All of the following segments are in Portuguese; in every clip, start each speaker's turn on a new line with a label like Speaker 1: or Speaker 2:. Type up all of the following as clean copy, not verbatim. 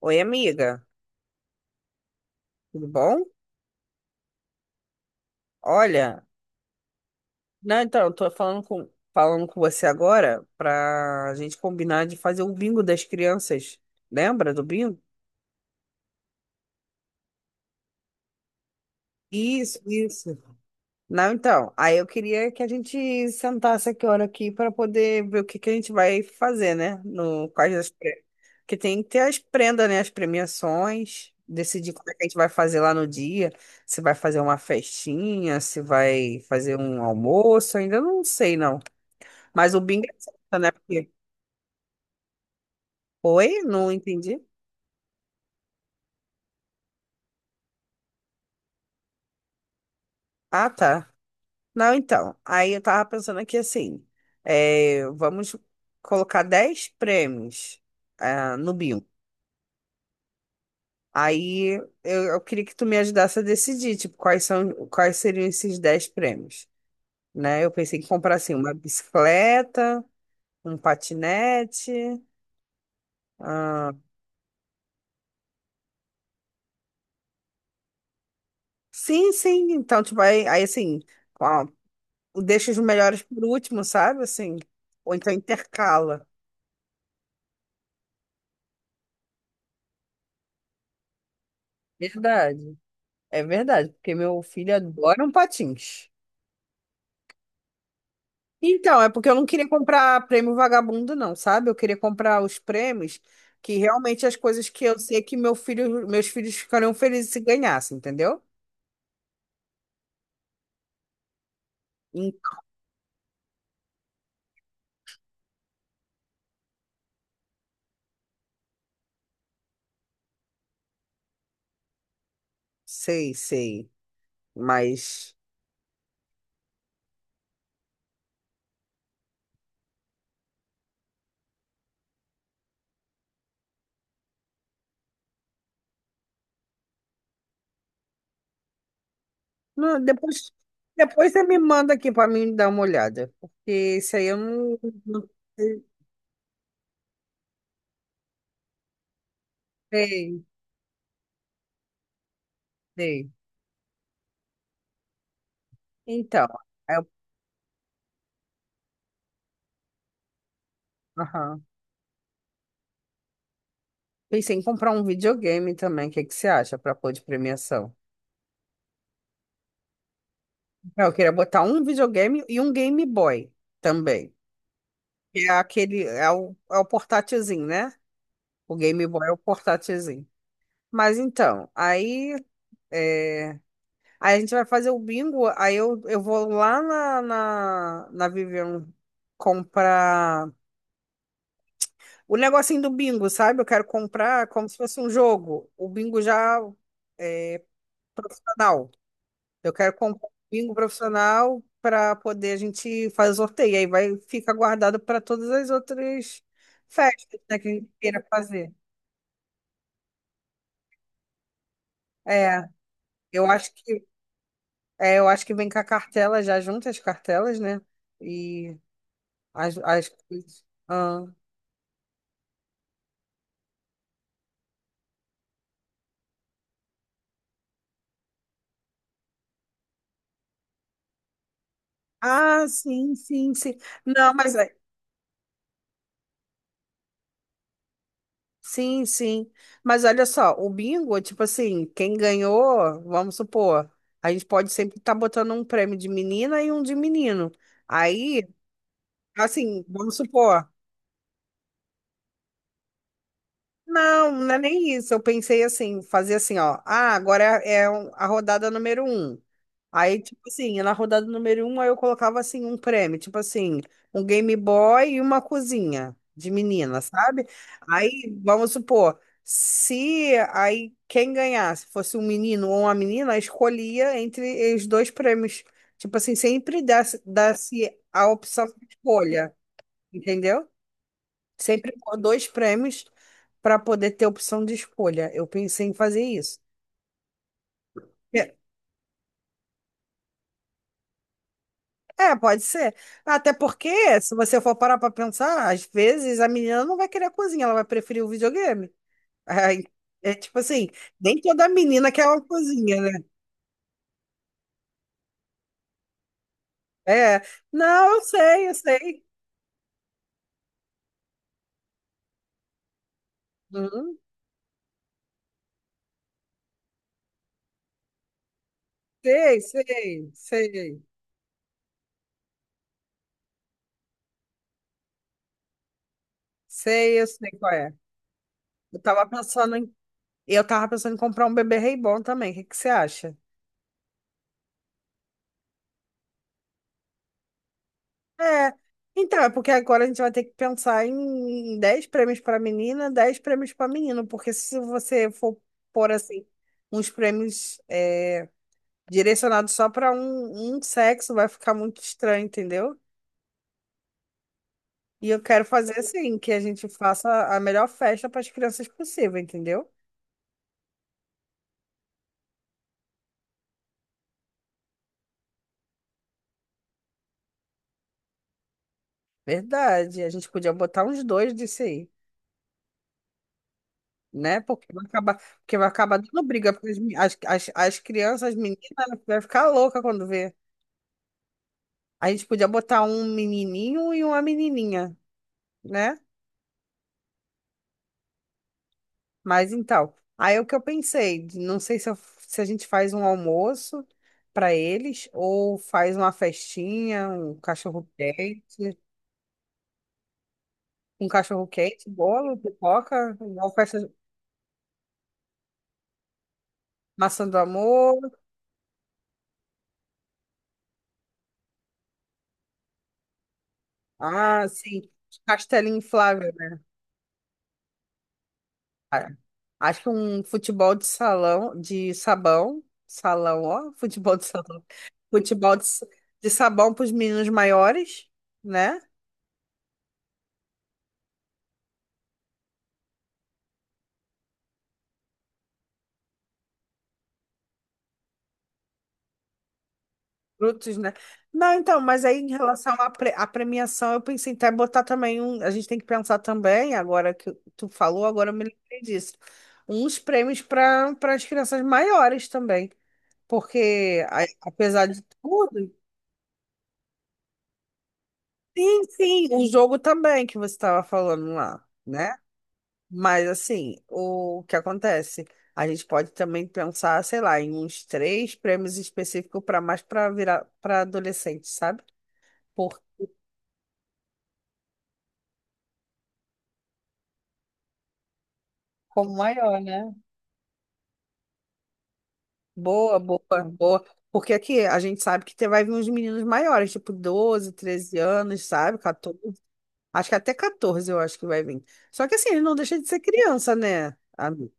Speaker 1: Oi, amiga, tudo bom? Olha, não, então, eu tô falando com você agora pra gente combinar de fazer o bingo das crianças. Lembra do bingo? Isso, isso. Não, então, aí eu queria que a gente sentasse aqui hora aqui para poder ver o que que a gente vai fazer, né? No quais das pre-, que tem que ter as prendas, né? As premiações, decidir como é que a gente vai fazer lá no dia, se vai fazer uma festinha, se vai fazer um almoço, ainda não sei, não. Mas o bingo, né, porque... Oi, não entendi. Ah, tá. Não, então, aí eu tava pensando aqui assim, vamos colocar 10 prêmios, no bingo. Aí eu queria que tu me ajudasse a decidir tipo quais seriam esses 10 prêmios, né? Eu pensei em comprar assim uma bicicleta, um patinete. ah sim, sim, então tu vai, aí sim, deixa os melhores para o último, sabe, assim, ou então intercala. Verdade. É verdade, porque meu filho adora um patins. Então, é porque eu não queria comprar prêmio vagabundo, não, sabe? Eu queria comprar os prêmios que realmente as coisas que eu sei que meu filho, meus filhos ficariam felizes se ganhassem, entendeu? Em- Sei, sei. Mas não, depois, você me manda aqui para mim dar uma olhada, porque isso aí eu não, não sei. Sei, sei. Então, é, pensei em comprar um videogame também. O que que você acha para pôr de premiação? Eu queria botar um videogame e um Game Boy também. Que é aquele, é o portátilzinho, né? O Game Boy é o portátilzinho. Mas então, aí, é, aí a gente vai fazer o bingo. Aí eu vou lá na Vivian comprar o negocinho do bingo, sabe? Eu quero comprar como se fosse um jogo, o bingo já profissional. Eu quero comprar um bingo profissional para poder a gente fazer sorteio. Aí vai fica guardado para todas as outras festas, né, que a gente queira fazer. É, eu acho que vem com a cartela já junto as cartelas, né? E coisas. Ah, sim, sim, sim. Não, mas sim, sim. Mas olha só, o bingo, tipo assim, quem ganhou, vamos supor, a gente pode sempre estar botando um prêmio de menina e um de menino. Aí, assim, vamos supor. Não, não é nem isso. Eu pensei assim, fazer assim, ó. Ah, agora a rodada número um. Aí, tipo assim, na rodada número um, aí eu colocava assim um prêmio, tipo assim, um Game Boy e uma cozinha de menina, sabe? Aí, vamos supor, se aí quem ganhasse fosse um menino ou uma menina, escolhia entre os dois prêmios. Tipo assim, sempre desse a opção de escolha, entendeu? Sempre pôr dois prêmios para poder ter opção de escolha. Eu pensei em fazer isso. É, é, pode ser. Até porque, se você for parar para pensar, às vezes a menina não vai querer a cozinha, ela vai preferir o videogame. Aí, é tipo assim, nem toda menina quer uma cozinha, né? É, não, eu sei, eu sei. Uhum, sei, sei, sei. Sei, eu sei qual é. Eu tava pensando em, eu tava pensando em comprar um bebê reborn também. O que que você acha? É, então, é porque agora a gente vai ter que pensar em 10 prêmios para menina, 10 prêmios para menino, porque se você for pôr assim, uns prêmios direcionados só para um sexo, vai ficar muito estranho, entendeu? E eu quero fazer assim, que a gente faça a melhor festa para as crianças possível, entendeu? Verdade, a gente podia botar uns dois disso aí, né? Porque vai acabar, dando briga, porque as crianças, as meninas, vai ficar louca quando vê. A gente podia botar um menininho e uma menininha, né? Mas então, aí é o que eu pensei, não sei se, se a gente faz um almoço para eles ou faz uma festinha, um cachorro-quente, bolo, pipoca, igual festa, maçã do amor, sim, castelinho inflável, né, cara? Acho que um futebol de salão, de sabão, salão, ó, futebol de salão, futebol de sabão para os meninos maiores, né? Frutos, né? Não, então, mas aí em relação à à premiação, eu pensei até botar também um. A gente tem que pensar também, agora que tu falou, agora eu me lembrei disso. Uns prêmios para as crianças maiores também. Porque, apesar de tudo, sim, sim, o jogo também que você estava falando lá, né? Mas assim, o que acontece? A gente pode também pensar, sei lá, em uns três prêmios específicos para mais para virar para adolescente, sabe? Por- Como maior, né? Boa, boa, boa. Porque aqui a gente sabe que vai vir uns meninos maiores, tipo 12, 13 anos, sabe? 14. Acho que até 14 eu acho que vai vir. Só que assim, ele não deixa de ser criança, né, amigo?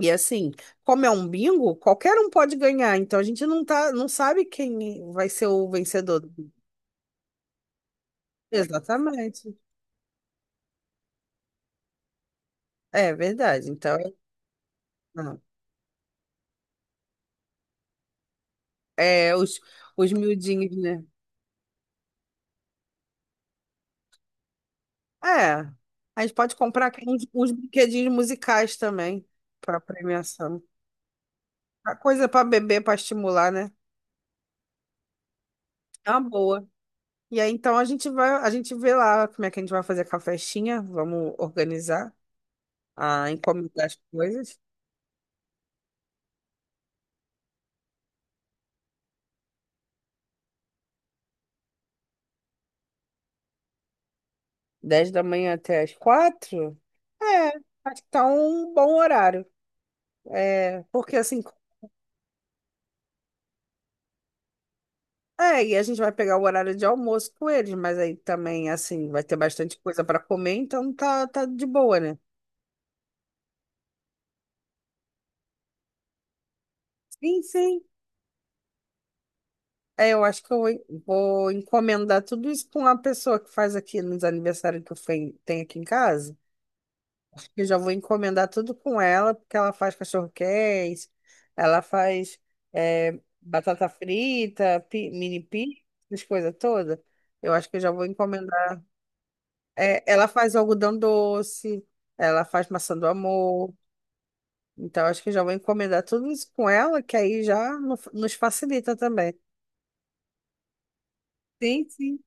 Speaker 1: E assim, como é um bingo, qualquer um pode ganhar. Então a gente não sabe quem vai ser o vencedor. Exatamente. É verdade. Então, não. É, os miudinhos, né? É. A gente pode comprar aqui uns brinquedinhos musicais também para premiação. A coisa para beber, para estimular, né? É uma boa. E aí, então, a gente vê lá como é que a gente vai fazer com a festinha. Vamos organizar a encomendar as coisas. 10 da manhã até as 4. É, Acho que tá um bom horário. É, porque assim, e a gente vai pegar o horário de almoço com eles, mas aí também, assim, vai ter bastante coisa para comer, então tá, tá de boa, né? Sim, sim. Eu acho que eu vou vou encomendar tudo isso com uma pessoa que faz aqui nos aniversários que eu tenho aqui em casa. Acho que eu já vou encomendar tudo com ela, porque ela faz cachorro-quente, ela faz batata frita, mini pizza, essas coisas todas. Eu acho que eu já vou encomendar. É, ela faz algodão doce, ela faz maçã do amor. Então, acho que eu já vou encomendar tudo isso com ela, que aí já nos facilita também. Sim, sim.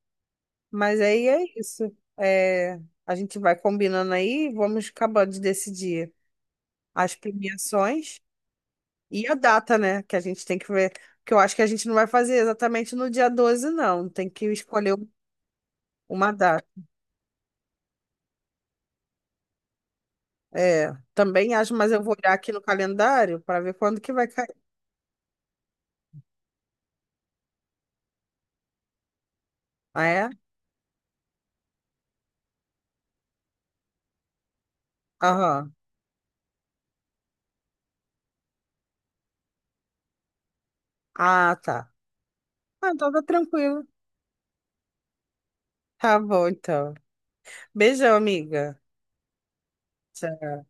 Speaker 1: Mas aí é isso. É, a gente vai combinando aí, vamos acabando de decidir as premiações e a data, né? Que a gente tem que ver. Que eu acho que a gente não vai fazer exatamente no dia 12 não. Tem que escolher uma data. É, também acho, mas eu vou olhar aqui no calendário para ver quando que vai cair. Ah, é? Aham. Ah, tá. Ah, então tá tranquilo. Tá bom, então. Beijão, amiga. Tchau.